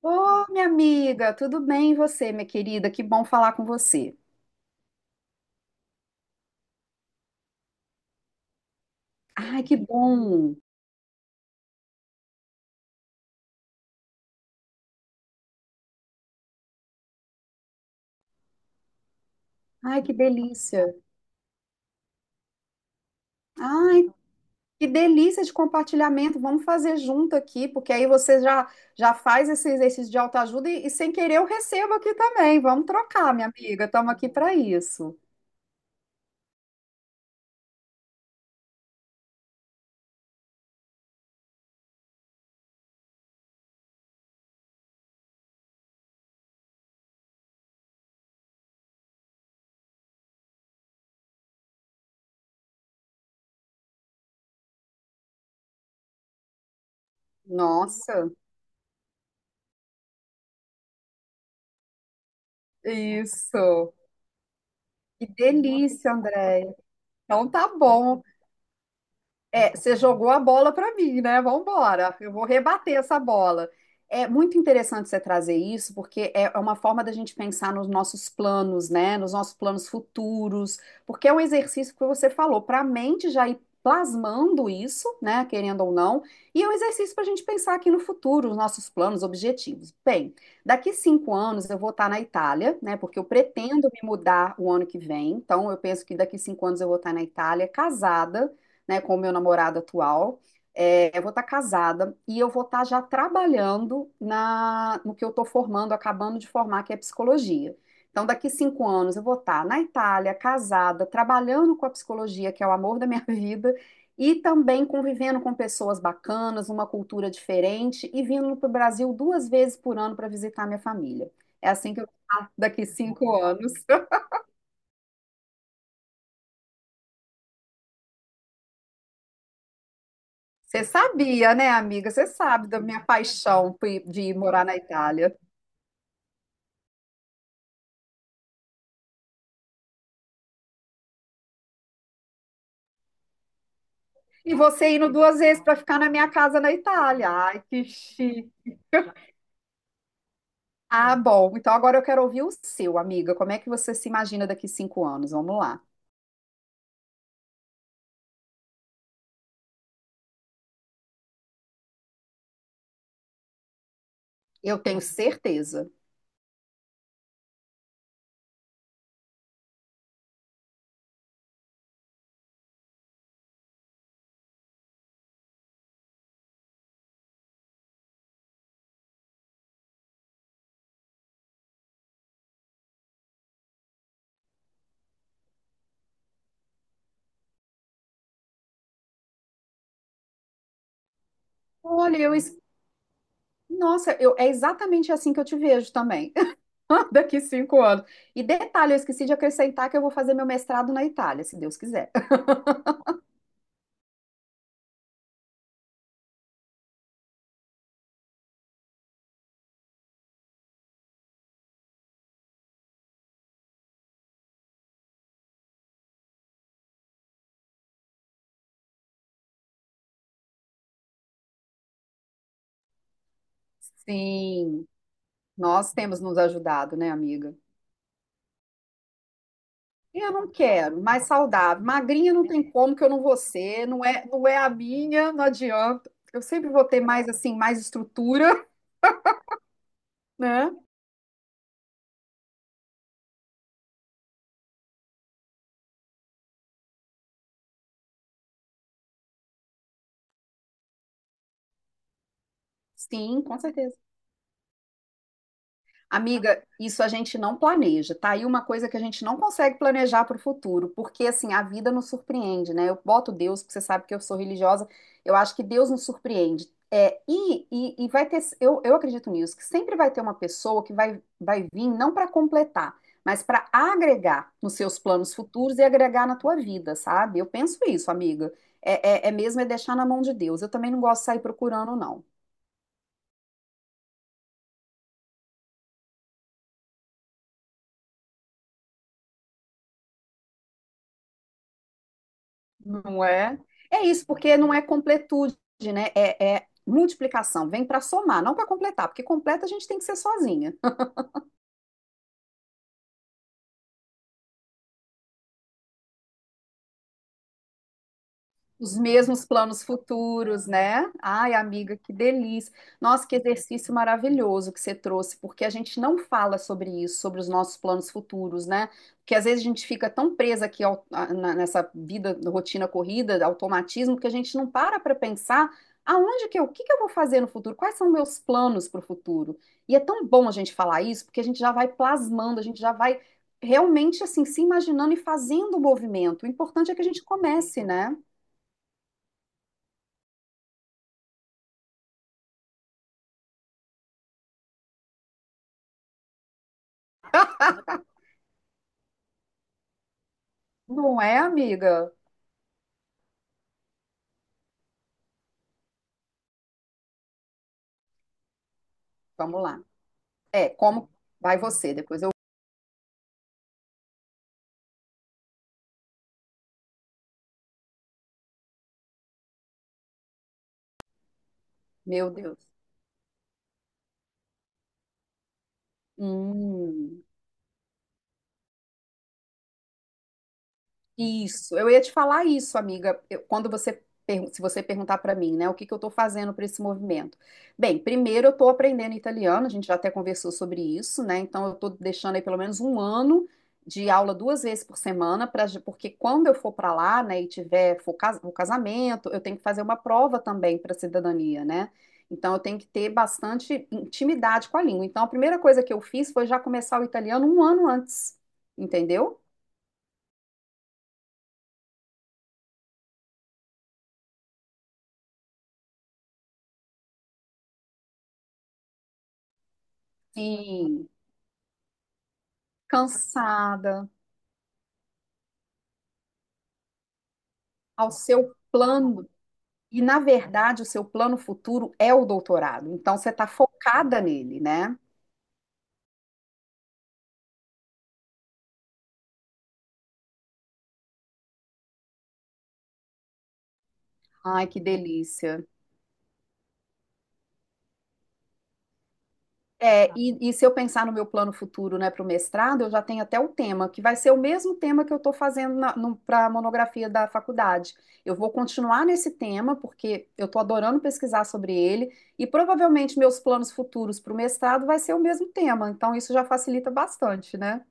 Ô, minha amiga, tudo bem e você, minha querida? Que bom falar com você. Ai, que bom. Ai, que delícia. Ai, que delícia de compartilhamento. Vamos fazer junto aqui, porque aí você já faz esse exercício de autoajuda e sem querer eu recebo aqui também. Vamos trocar, minha amiga. Estamos aqui para isso. Nossa, isso. Que delícia, Andréia. Então tá bom. É, você jogou a bola para mim, né? Vamos embora, eu vou rebater essa bola. É muito interessante você trazer isso, porque é uma forma da gente pensar nos nossos planos, né? Nos nossos planos futuros, porque é um exercício que você falou, para a mente já ir plasmando isso, né? Querendo ou não, e é um exercício para a gente pensar aqui no futuro, os nossos planos, objetivos. Bem, daqui 5 anos eu vou estar na Itália, né? Porque eu pretendo me mudar o ano que vem, então eu penso que daqui 5 anos eu vou estar na Itália, casada, né, com o meu namorado atual. É, eu vou estar casada e eu vou estar já trabalhando na, no que eu estou formando, acabando de formar, que é psicologia. Então, daqui 5 anos, eu vou estar na Itália, casada, trabalhando com a psicologia, que é o amor da minha vida, e também convivendo com pessoas bacanas, uma cultura diferente, e vindo para o Brasil 2 vezes por ano para visitar minha família. É assim que eu vou estar daqui 5 anos. Você sabia, né, amiga? Você sabe da minha paixão de ir morar na Itália. E você indo 2 vezes para ficar na minha casa na Itália. Ai, que chique. Ah, bom. Então agora eu quero ouvir o seu, amiga. Como é que você se imagina daqui 5 anos? Vamos lá. Eu tenho certeza. Olha, eu. es- Nossa, eu, é exatamente assim que eu te vejo também, daqui cinco anos. E detalhe, eu esqueci de acrescentar que eu vou fazer meu mestrado na Itália, se Deus quiser. Sim, nós temos nos ajudado, né, amiga? Eu não quero, mais saudável. Magrinha não tem como que eu não vou ser, não é a minha, não adianta. Eu sempre vou ter mais assim, mais estrutura, né? Sim, com certeza. Amiga, isso a gente não planeja, tá? E uma coisa que a gente não consegue planejar para o futuro, porque assim, a vida nos surpreende, né? Eu boto Deus, porque você sabe que eu sou religiosa, eu acho que Deus nos surpreende. É, e vai ter, eu acredito nisso, que sempre vai ter uma pessoa que vai vir não para completar, mas para agregar nos seus planos futuros e agregar na tua vida, sabe? Eu penso isso, amiga. É mesmo é deixar na mão de Deus. Eu também não gosto de sair procurando, não. Não é? É isso, porque não é completude, né? É, é multiplicação, vem para somar, não para completar, porque completa a gente tem que ser sozinha. Os mesmos planos futuros, né? Ai, amiga, que delícia. Nossa, que exercício maravilhoso que você trouxe, porque a gente não fala sobre isso, sobre os nossos planos futuros, né? Porque às vezes a gente fica tão presa aqui nessa vida, rotina corrida, automatismo, que a gente não para pensar o que que eu vou fazer no futuro, quais são meus planos para o futuro. E é tão bom a gente falar isso, porque a gente já vai plasmando, a gente já vai realmente assim se imaginando e fazendo o movimento. O importante é que a gente comece, né? Não é, amiga? Vamos lá. É, como vai você? Depois eu. Meu Deus. Hum. Isso, eu ia te falar isso, amiga, quando você pergun- se você perguntar para mim, né, o que que eu estou fazendo para esse movimento? Bem, primeiro eu estou aprendendo italiano, a gente já até conversou sobre isso, né? Então eu estou deixando aí pelo menos um ano de aula 2 vezes por semana, porque quando eu for para lá, né, e o casamento, eu tenho que fazer uma prova também para cidadania, né? Então eu tenho que ter bastante intimidade com a língua. Então a primeira coisa que eu fiz foi já começar o italiano um ano antes, entendeu? Sim. Cansada, ao seu plano. E, na verdade, o seu plano futuro é o doutorado. Então, você está focada nele, né? Ai, que delícia. É, e se eu pensar no meu plano futuro, né, para o mestrado, eu já tenho até o tema, que vai ser o mesmo tema que eu estou fazendo para a monografia da faculdade. Eu vou continuar nesse tema, porque eu estou adorando pesquisar sobre ele, e provavelmente meus planos futuros para o mestrado vai ser o mesmo tema. Então, isso já facilita bastante, né?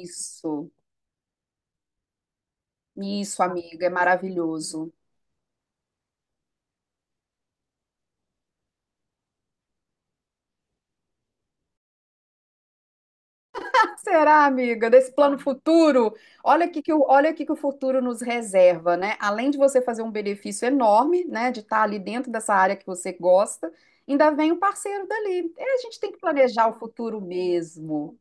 Isso. Isso, amiga, é maravilhoso. Será, amiga, desse plano futuro? Olha o que que o futuro nos reserva, né? Além de você fazer um benefício enorme, né, de estar ali dentro dessa área que você gosta, ainda vem o parceiro dali. É, a gente tem que planejar o futuro mesmo.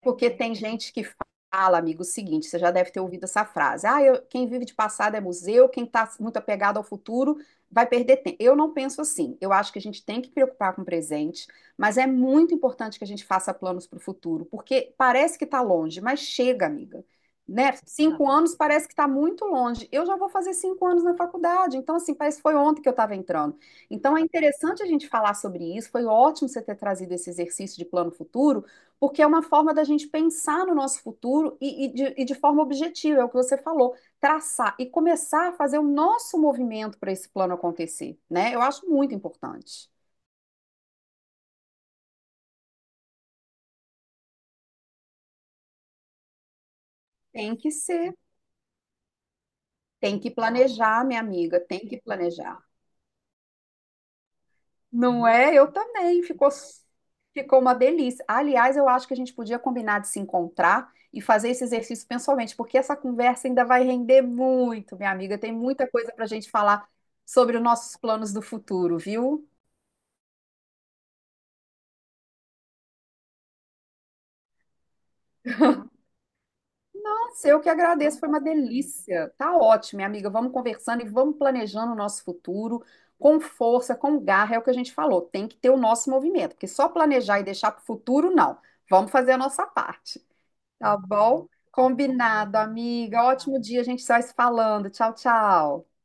Porque tem gente que fala, amigo, o seguinte, você já deve ter ouvido essa frase. Ah, quem vive de passado é museu, quem está muito apegado ao futuro vai perder tempo. Eu não penso assim. Eu acho que a gente tem que preocupar com o presente, mas é muito importante que a gente faça planos para o futuro, porque parece que está longe, mas chega, amiga. Né? 5 anos parece que está muito longe. Eu já vou fazer 5 anos na faculdade, então assim, parece que foi ontem que eu estava entrando. Então é interessante a gente falar sobre isso. Foi ótimo você ter trazido esse exercício de plano futuro, porque é uma forma da gente pensar no nosso futuro e de forma objetiva, é o que você falou, traçar e começar a fazer o nosso movimento para esse plano acontecer, né? Eu acho muito importante. Tem que ser, tem que planejar, minha amiga, tem que planejar. Não é? Eu também, ficou uma delícia. Aliás, eu acho que a gente podia combinar de se encontrar e fazer esse exercício pessoalmente, porque essa conversa ainda vai render muito, minha amiga, tem muita coisa para a gente falar sobre os nossos planos do futuro, viu? Nossa, eu que agradeço, foi uma delícia. Tá ótimo, minha amiga. Vamos conversando e vamos planejando o nosso futuro com força, com garra, é o que a gente falou. Tem que ter o nosso movimento, porque só planejar e deixar para o futuro, não. Vamos fazer a nossa parte, tá bom? Combinado, amiga. Ótimo dia, a gente sai se falando. Tchau, tchau.